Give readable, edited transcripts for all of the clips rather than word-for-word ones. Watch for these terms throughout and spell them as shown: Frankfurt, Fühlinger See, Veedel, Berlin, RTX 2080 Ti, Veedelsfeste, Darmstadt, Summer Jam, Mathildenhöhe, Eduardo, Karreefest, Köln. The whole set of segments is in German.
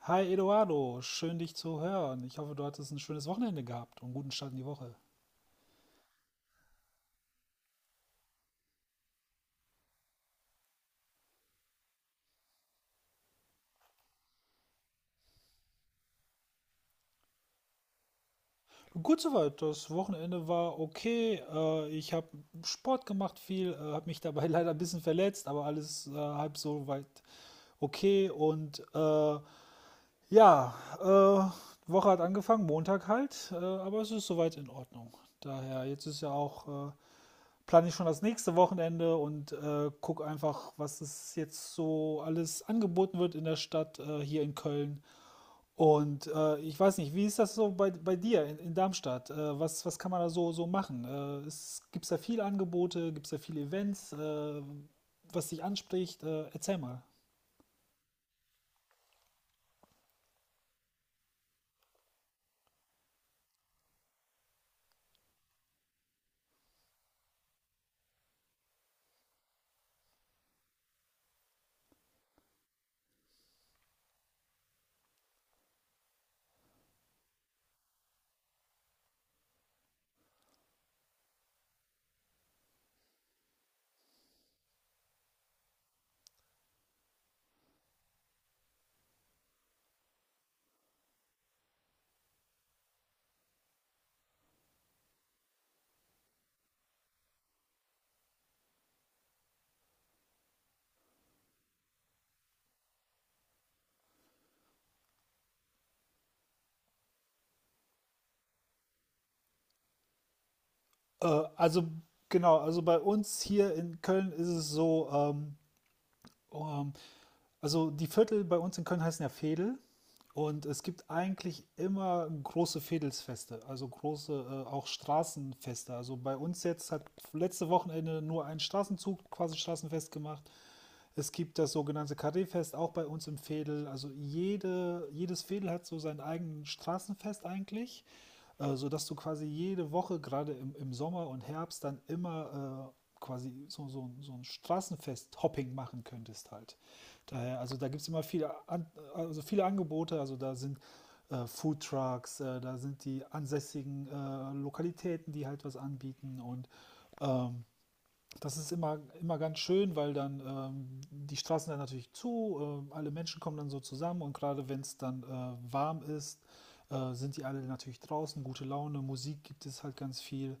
Hi Eduardo, schön dich zu hören. Ich hoffe, du hattest ein schönes Wochenende gehabt und einen guten Start in die Woche. Gut soweit, das Wochenende war okay. Ich habe Sport gemacht viel, habe mich dabei leider ein bisschen verletzt, aber alles halb so weit okay. Ja, Woche hat angefangen, Montag halt, aber es ist soweit in Ordnung. Daher, jetzt ist ja auch plane ich schon das nächste Wochenende und gucke einfach, was es jetzt so alles angeboten wird in der Stadt hier in Köln. Und ich weiß nicht, wie ist das so bei dir in Darmstadt? Was kann man da so machen? Es, gibt es da viele Angebote? Gibt es da viele Events? Was dich anspricht? Erzähl mal. Äh, also genau, also bei uns hier in Köln ist es so, ähm, also die Viertel bei uns in Köln heißen ja Veedel und es gibt eigentlich immer große Veedelsfeste, also große auch Straßenfeste. Also bei uns jetzt hat letzte Wochenende nur ein Straßenzug quasi Straßenfest gemacht. Es gibt das sogenannte Karreefest auch bei uns im Veedel. Also jedes Veedel hat so sein eigenes Straßenfest eigentlich, sodass du quasi jede Woche, gerade im Sommer und Herbst, dann immer quasi so ein Straßenfest-Hopping machen könntest halt. Daher, also da gibt es immer viele, An also viele Angebote. Also da sind Foodtrucks, da sind die ansässigen Lokalitäten, die halt was anbieten und das ist immer ganz schön, weil dann die Straßen dann natürlich zu, alle Menschen kommen dann so zusammen und gerade wenn es dann warm ist, sind die alle natürlich draußen, gute Laune, Musik gibt es halt ganz viel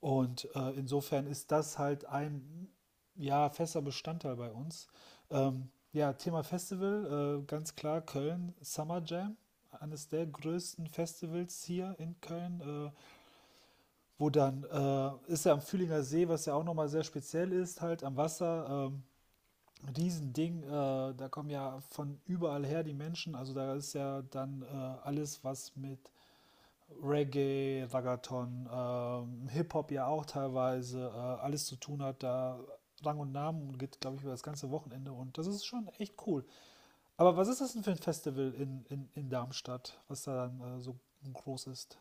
und insofern ist das halt ein ja, fester Bestandteil bei uns. Ja, Thema Festival, ganz klar Köln, Summer Jam, eines der größten Festivals hier in Köln. Wo dann ist ja am Fühlinger See, was ja auch nochmal sehr speziell ist, halt am Wasser, ein Riesending, da kommen ja von überall her die Menschen, also da ist ja dann alles, was mit Reggae, Raggaeton, Hip-Hop ja auch teilweise, alles zu tun hat, da Rang und Namen und geht, glaube ich, über das ganze Wochenende und das ist schon echt cool. Aber was ist das denn für ein Festival in Darmstadt, was da dann so groß ist?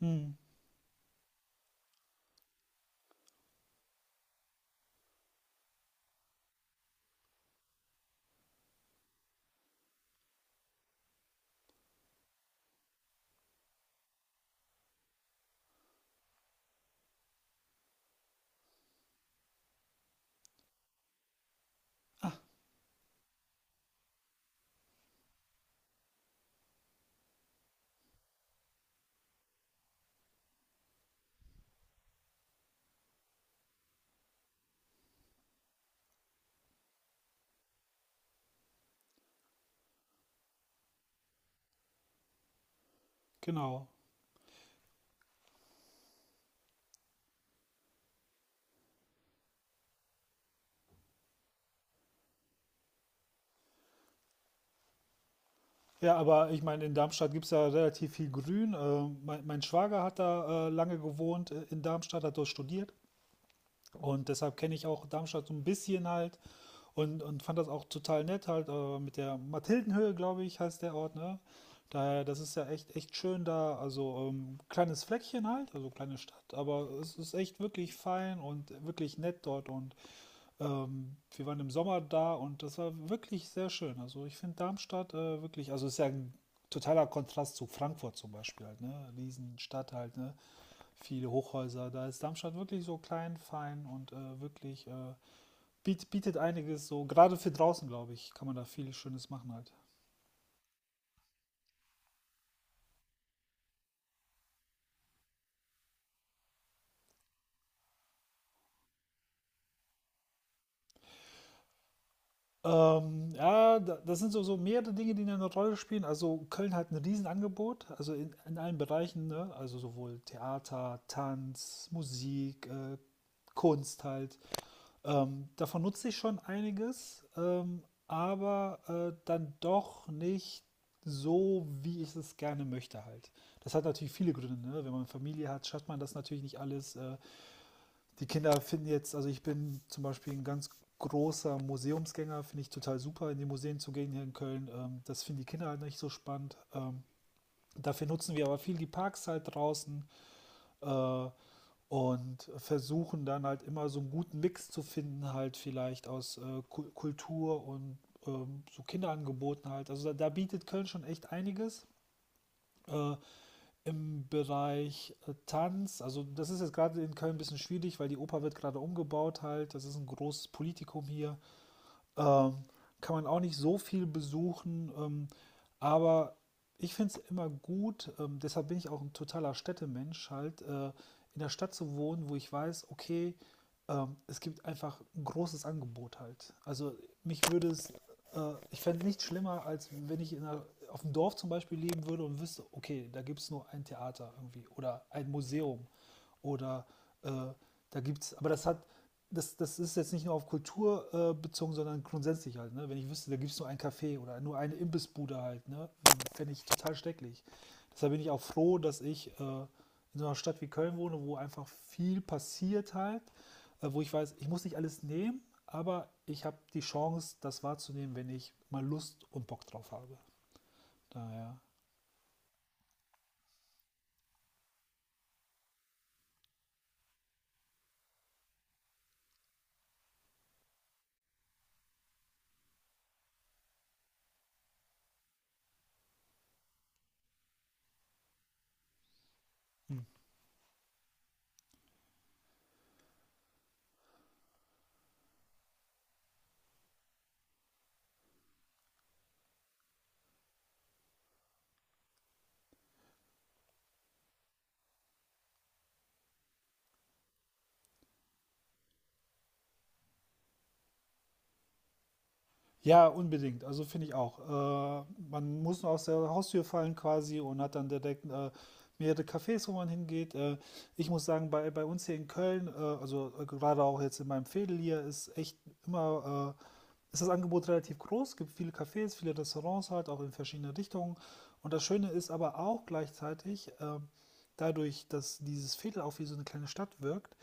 Hm. Ah, genau. Ja, aber ich meine, in Darmstadt gibt es ja relativ viel Grün. Mein Schwager hat da lange gewohnt in Darmstadt, hat dort studiert. Und deshalb kenne ich auch Darmstadt so ein bisschen halt und fand das auch total nett halt mit der Mathildenhöhe, glaube ich, heißt der Ort, ne? Daher, das ist ja echt, echt schön da. Also kleines Fleckchen halt, also kleine Stadt, aber es ist echt wirklich fein und wirklich nett dort und wir waren im Sommer da und das war wirklich sehr schön. Also ich finde Darmstadt wirklich, also ist ja ein totaler Kontrast zu Frankfurt zum Beispiel halt, ne? Riesenstadt halt, ne? Viele Hochhäuser. Da ist Darmstadt wirklich so klein, fein und wirklich bietet einiges so, gerade für draußen, glaube ich, kann man da viel Schönes machen halt. Ja, das sind so, so mehrere Dinge, die eine Rolle spielen. Also Köln hat ein Riesenangebot, also in allen Bereichen, ne? Also sowohl Theater, Tanz, Musik, Kunst halt. Davon nutze ich schon einiges, aber dann doch nicht so, wie ich es gerne möchte halt. Das hat natürlich viele Gründe. Ne? Wenn man Familie hat, schafft man das natürlich nicht alles. Die Kinder finden jetzt, also ich bin zum Beispiel ein ganz großer Museumsgänger, finde ich total super, in die Museen zu gehen hier in Köln. Das finden die Kinder halt nicht so spannend. Dafür nutzen wir aber viel die Parks halt draußen. Äh, und versuchen dann halt immer so einen guten Mix zu finden, halt vielleicht aus Kultur und so Kinderangeboten halt. Also da bietet Köln schon echt einiges. Äh, Im Bereich Tanz, also das ist jetzt gerade in Köln ein bisschen schwierig, weil die Oper wird gerade umgebaut halt. Das ist ein großes Politikum hier. Ähm, kann man auch nicht so viel besuchen, aber ich finde es immer gut, deshalb bin ich auch ein totaler Städtemensch, halt in der Stadt zu wohnen, wo ich weiß, okay, es gibt einfach ein großes Angebot halt. Also mich würde es, ich fände es nicht schlimmer, als wenn ich auf dem Dorf zum Beispiel leben würde und wüsste, okay, da gibt es nur ein Theater irgendwie oder ein Museum oder äh, da gibt es, aber das hat, das, das ist jetzt nicht nur auf Kultur bezogen, sondern grundsätzlich halt. Ne? Wenn ich wüsste, da gibt es nur ein Café oder nur eine Imbissbude halt, ne? Fände ich total schrecklich. Deshalb bin ich auch froh, dass ich in so einer Stadt wie Köln wohne, wo einfach viel passiert halt, wo ich weiß, ich muss nicht alles nehmen, aber ich habe die Chance, das wahrzunehmen, wenn ich mal Lust und Bock drauf habe. Daher. Mhm. Ja, unbedingt. Also finde ich auch. Äh, man muss nur aus der Haustür fallen quasi und hat dann direkt mehrere Cafés, wo man hingeht. Ich muss sagen, bei uns hier in Köln, gerade auch jetzt in meinem Veedel hier, ist echt ist das Angebot relativ groß. Es gibt viele Cafés, viele Restaurants halt, auch in verschiedene Richtungen. Und das Schöne ist aber auch gleichzeitig, dadurch, dass dieses Veedel auch wie so eine kleine Stadt wirkt,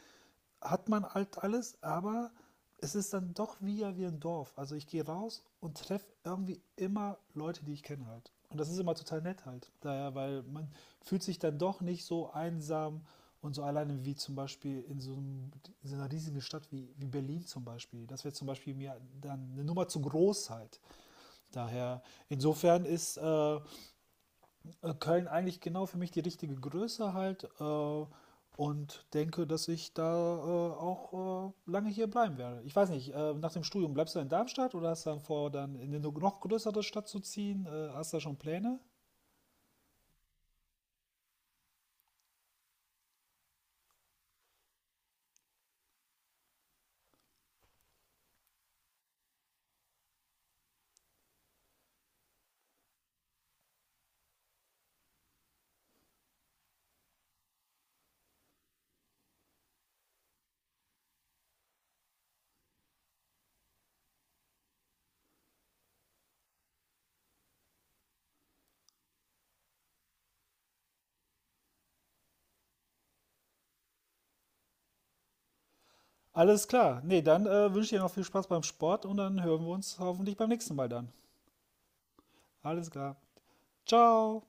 hat man halt alles, aber es ist dann doch wie, ja, wie ein Dorf. Also ich gehe raus und treffe irgendwie immer Leute, die ich kenne halt. Und das ist immer total nett halt. Daher, weil man fühlt sich dann doch nicht so einsam und so alleine wie zum Beispiel in in so einer riesigen Stadt wie Berlin zum Beispiel. Das wäre zum Beispiel mir dann eine Nummer zu groß halt. Daher, insofern ist Köln eigentlich genau für mich die richtige Größe halt und denke, dass ich da auch lange hier bleiben werde. Ich weiß nicht, nach dem Studium bleibst du in Darmstadt oder hast du dann vor, dann in eine noch größere Stadt zu ziehen? Hast du da schon Pläne? Alles klar. Nee, dann wünsche ich dir noch viel Spaß beim Sport und dann hören wir uns hoffentlich beim nächsten Mal dann. Alles klar. Ciao.